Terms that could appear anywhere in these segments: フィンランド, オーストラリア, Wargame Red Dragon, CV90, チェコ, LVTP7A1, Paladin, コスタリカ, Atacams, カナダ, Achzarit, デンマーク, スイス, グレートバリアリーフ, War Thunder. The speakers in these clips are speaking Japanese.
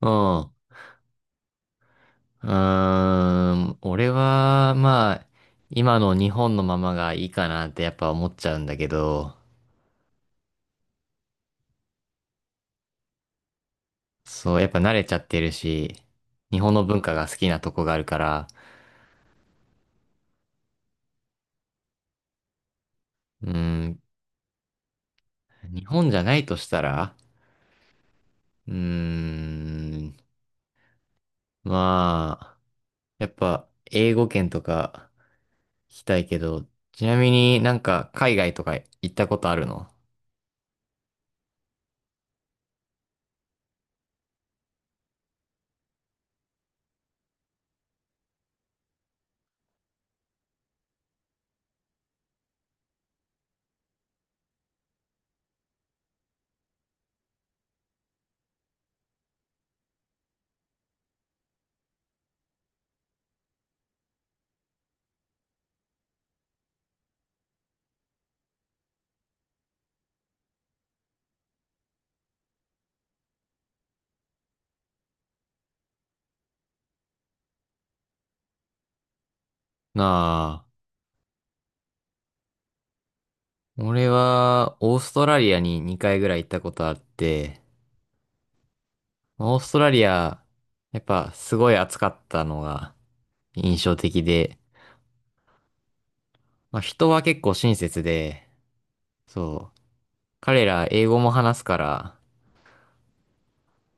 うん。うーん。俺は、まあ、今の日本のままがいいかなってやっぱ思っちゃうんだけど、そう、やっぱ慣れちゃってるし、日本の文化が好きなとこがあるから、うん、日本じゃないとしたら、うーん、まあ、やっぱ英語圏とか行きたいけど、ちなみになんか海外とか行ったことあるの？なあ、俺はオーストラリアに2回ぐらい行ったことあって、オーストラリア、やっぱすごい暑かったのが印象的で、まあ、人は結構親切で、そう、彼ら英語も話すから、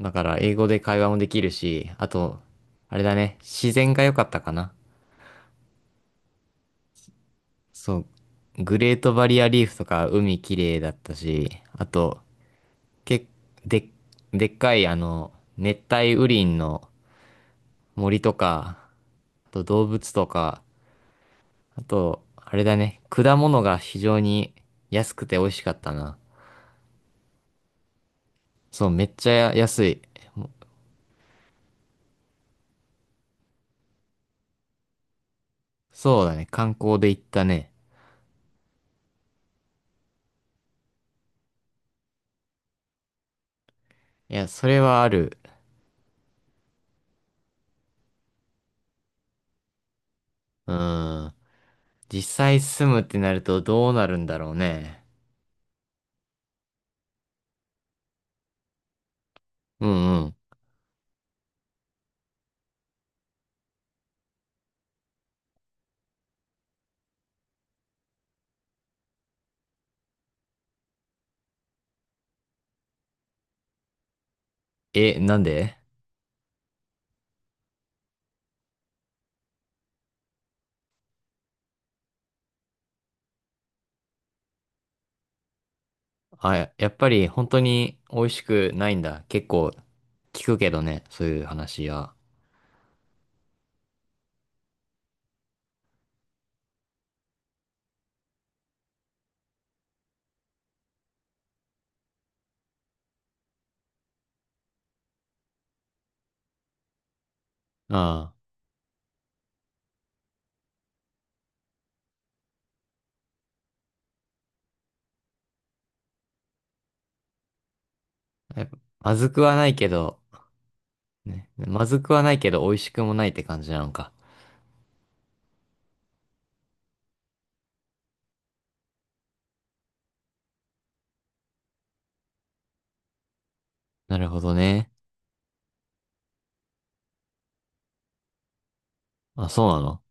だから英語で会話もできるし、あと、あれだね、自然が良かったかな。そう、グレートバリアリーフとか海綺麗だったし、あと、け、で、でっかい熱帯雨林の森とか、あと動物とか、あと、あれだね。果物が非常に安くて美味しかったな。そう、めっちゃ安い。もうそうだね。観光で行ったね。いや、それはある。うーん。実際住むってなるとどうなるんだろうね。うんうん。え、なんで？あ、ややっぱり本当に美味しくないんだ。結構聞くけどね。そういう話は。ああ。やっぱまずくはないけど、ね。まずくはないけど美味しくもないって感じなのか。なるほどね。あ、そうなの？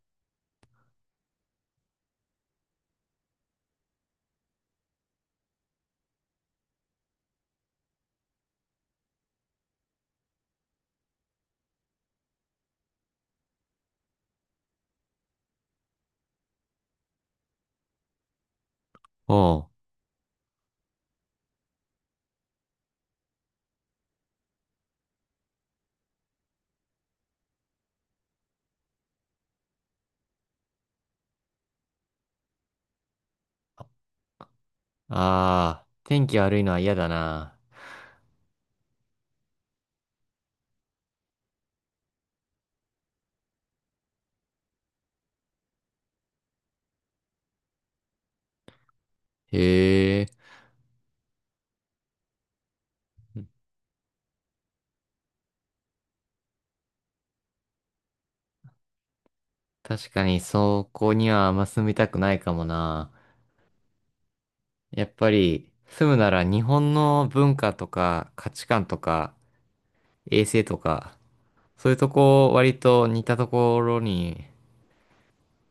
おう。ああ、天気悪いのは嫌だな。へえ。確かにそこにはあんま住みたくないかもな。やっぱり住むなら日本の文化とか価値観とか衛生とか、そういうとこ割と似たところに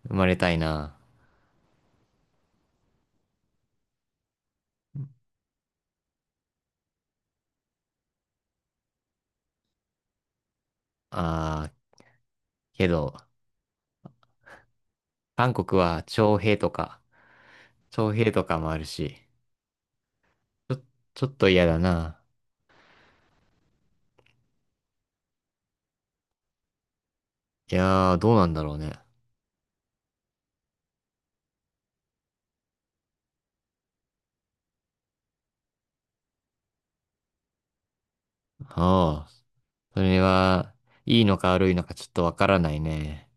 生まれたいな。ああ、けど、韓国は徴兵とか、徴兵とかもあるし、ちょ、ちょっと嫌だな。いやー、どうなんだろうね。ああ。それは、いいのか悪いのかちょっとわからないね。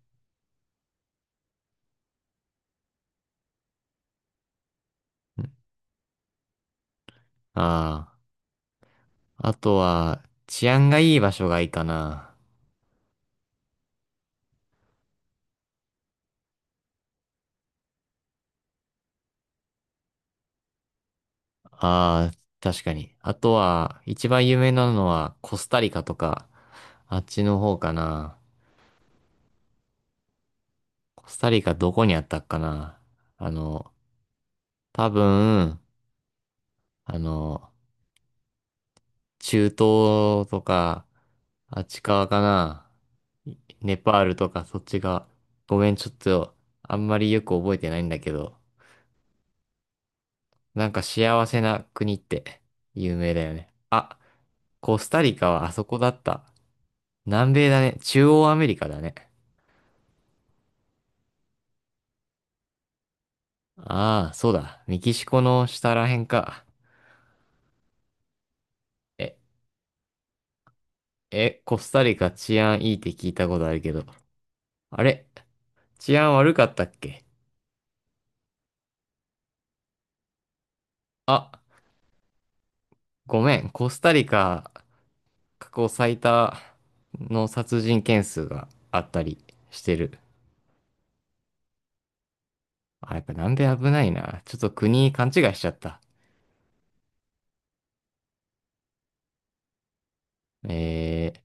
ああ。あとは、治安がいい場所がいいかな。ああ、確かに。あとは、一番有名なのは、コスタリカとか、あっちの方かな。コスタリカどこにあったっかな。あの、多分、あの、中東とか、あっち側かな。いネパールとかそっち側。ごめん、ちょっと、あんまりよく覚えてないんだけど。なんか幸せな国って有名だよね。あ、コスタリカはあそこだった。南米だね。中央アメリカだね。ああ、そうだ。メキシコの下らへんか。え、え、コスタリカ治安いいって聞いたことあるけど。あれ？治安悪かったっけ？あ、ごめん。コスタリカ過去最多の殺人件数があったりしてる。あ、やっぱ南米危ないな。ちょっと国勘違いしちゃった。えー。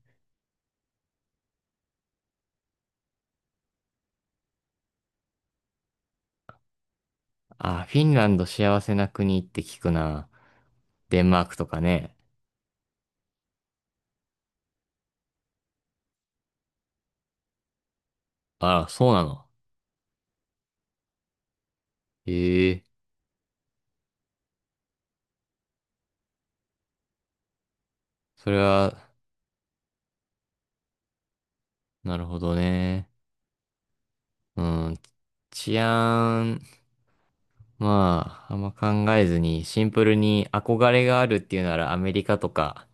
あ、フィンランド幸せな国って聞くな。デンマークとかね。あ、そうなの。ええ、それは、なるほどね。うん。治安、まあ、あんま考えずに、シンプルに憧れがあるっていうならアメリカとか、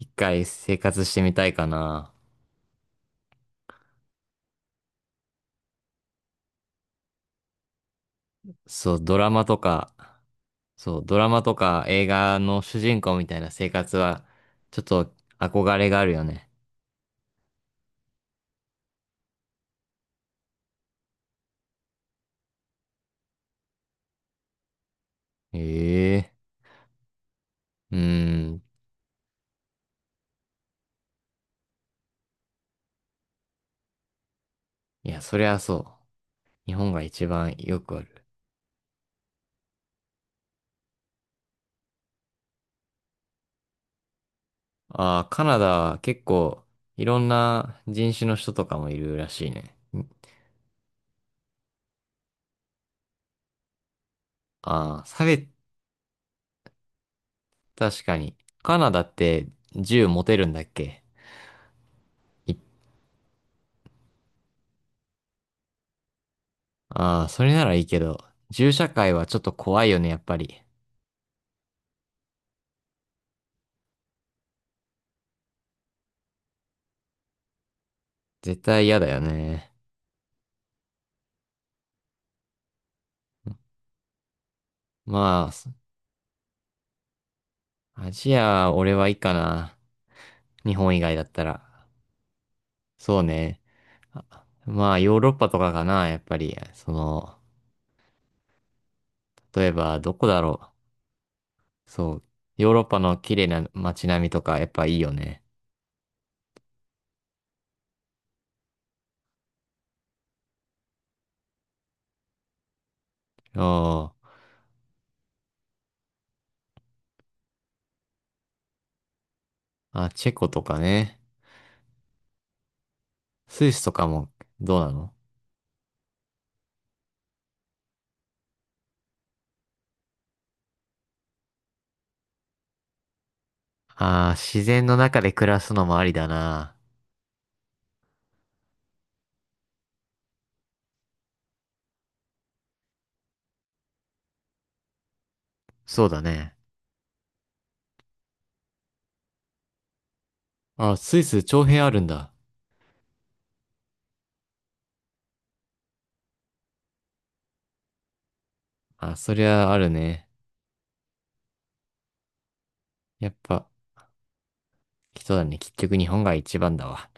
一回生活してみたいかな。そう、ドラマとか、そう、ドラマとか映画の主人公みたいな生活は、ちょっと憧れがあるよね。ええ、うん。いや、そりゃそう。日本が一番よくある。ああ、カナダは結構いろんな人種の人とかもいるらしいね。ああー、差別、確かに。カナダって銃持てるんだっけ？いああ、それならいいけど、銃社会はちょっと怖いよね、やっぱり。絶対嫌だよね。まあ、そアジア、俺はいいかな。日本以外だったら。そうね。あまあ、ヨーロッパとかかな、やっぱり。その、例えば、どこだろう。そう。ヨーロッパの綺麗な街並みとかやっぱいいよね。おー。あ、チェコとかね。スイスとかもどうなの？ああー、自然の中で暮らすのもありだな。そうだね。あ、スイス長編あるんだ。あ、そりゃあるね。やっぱ、人だね。結局日本が一番だわ。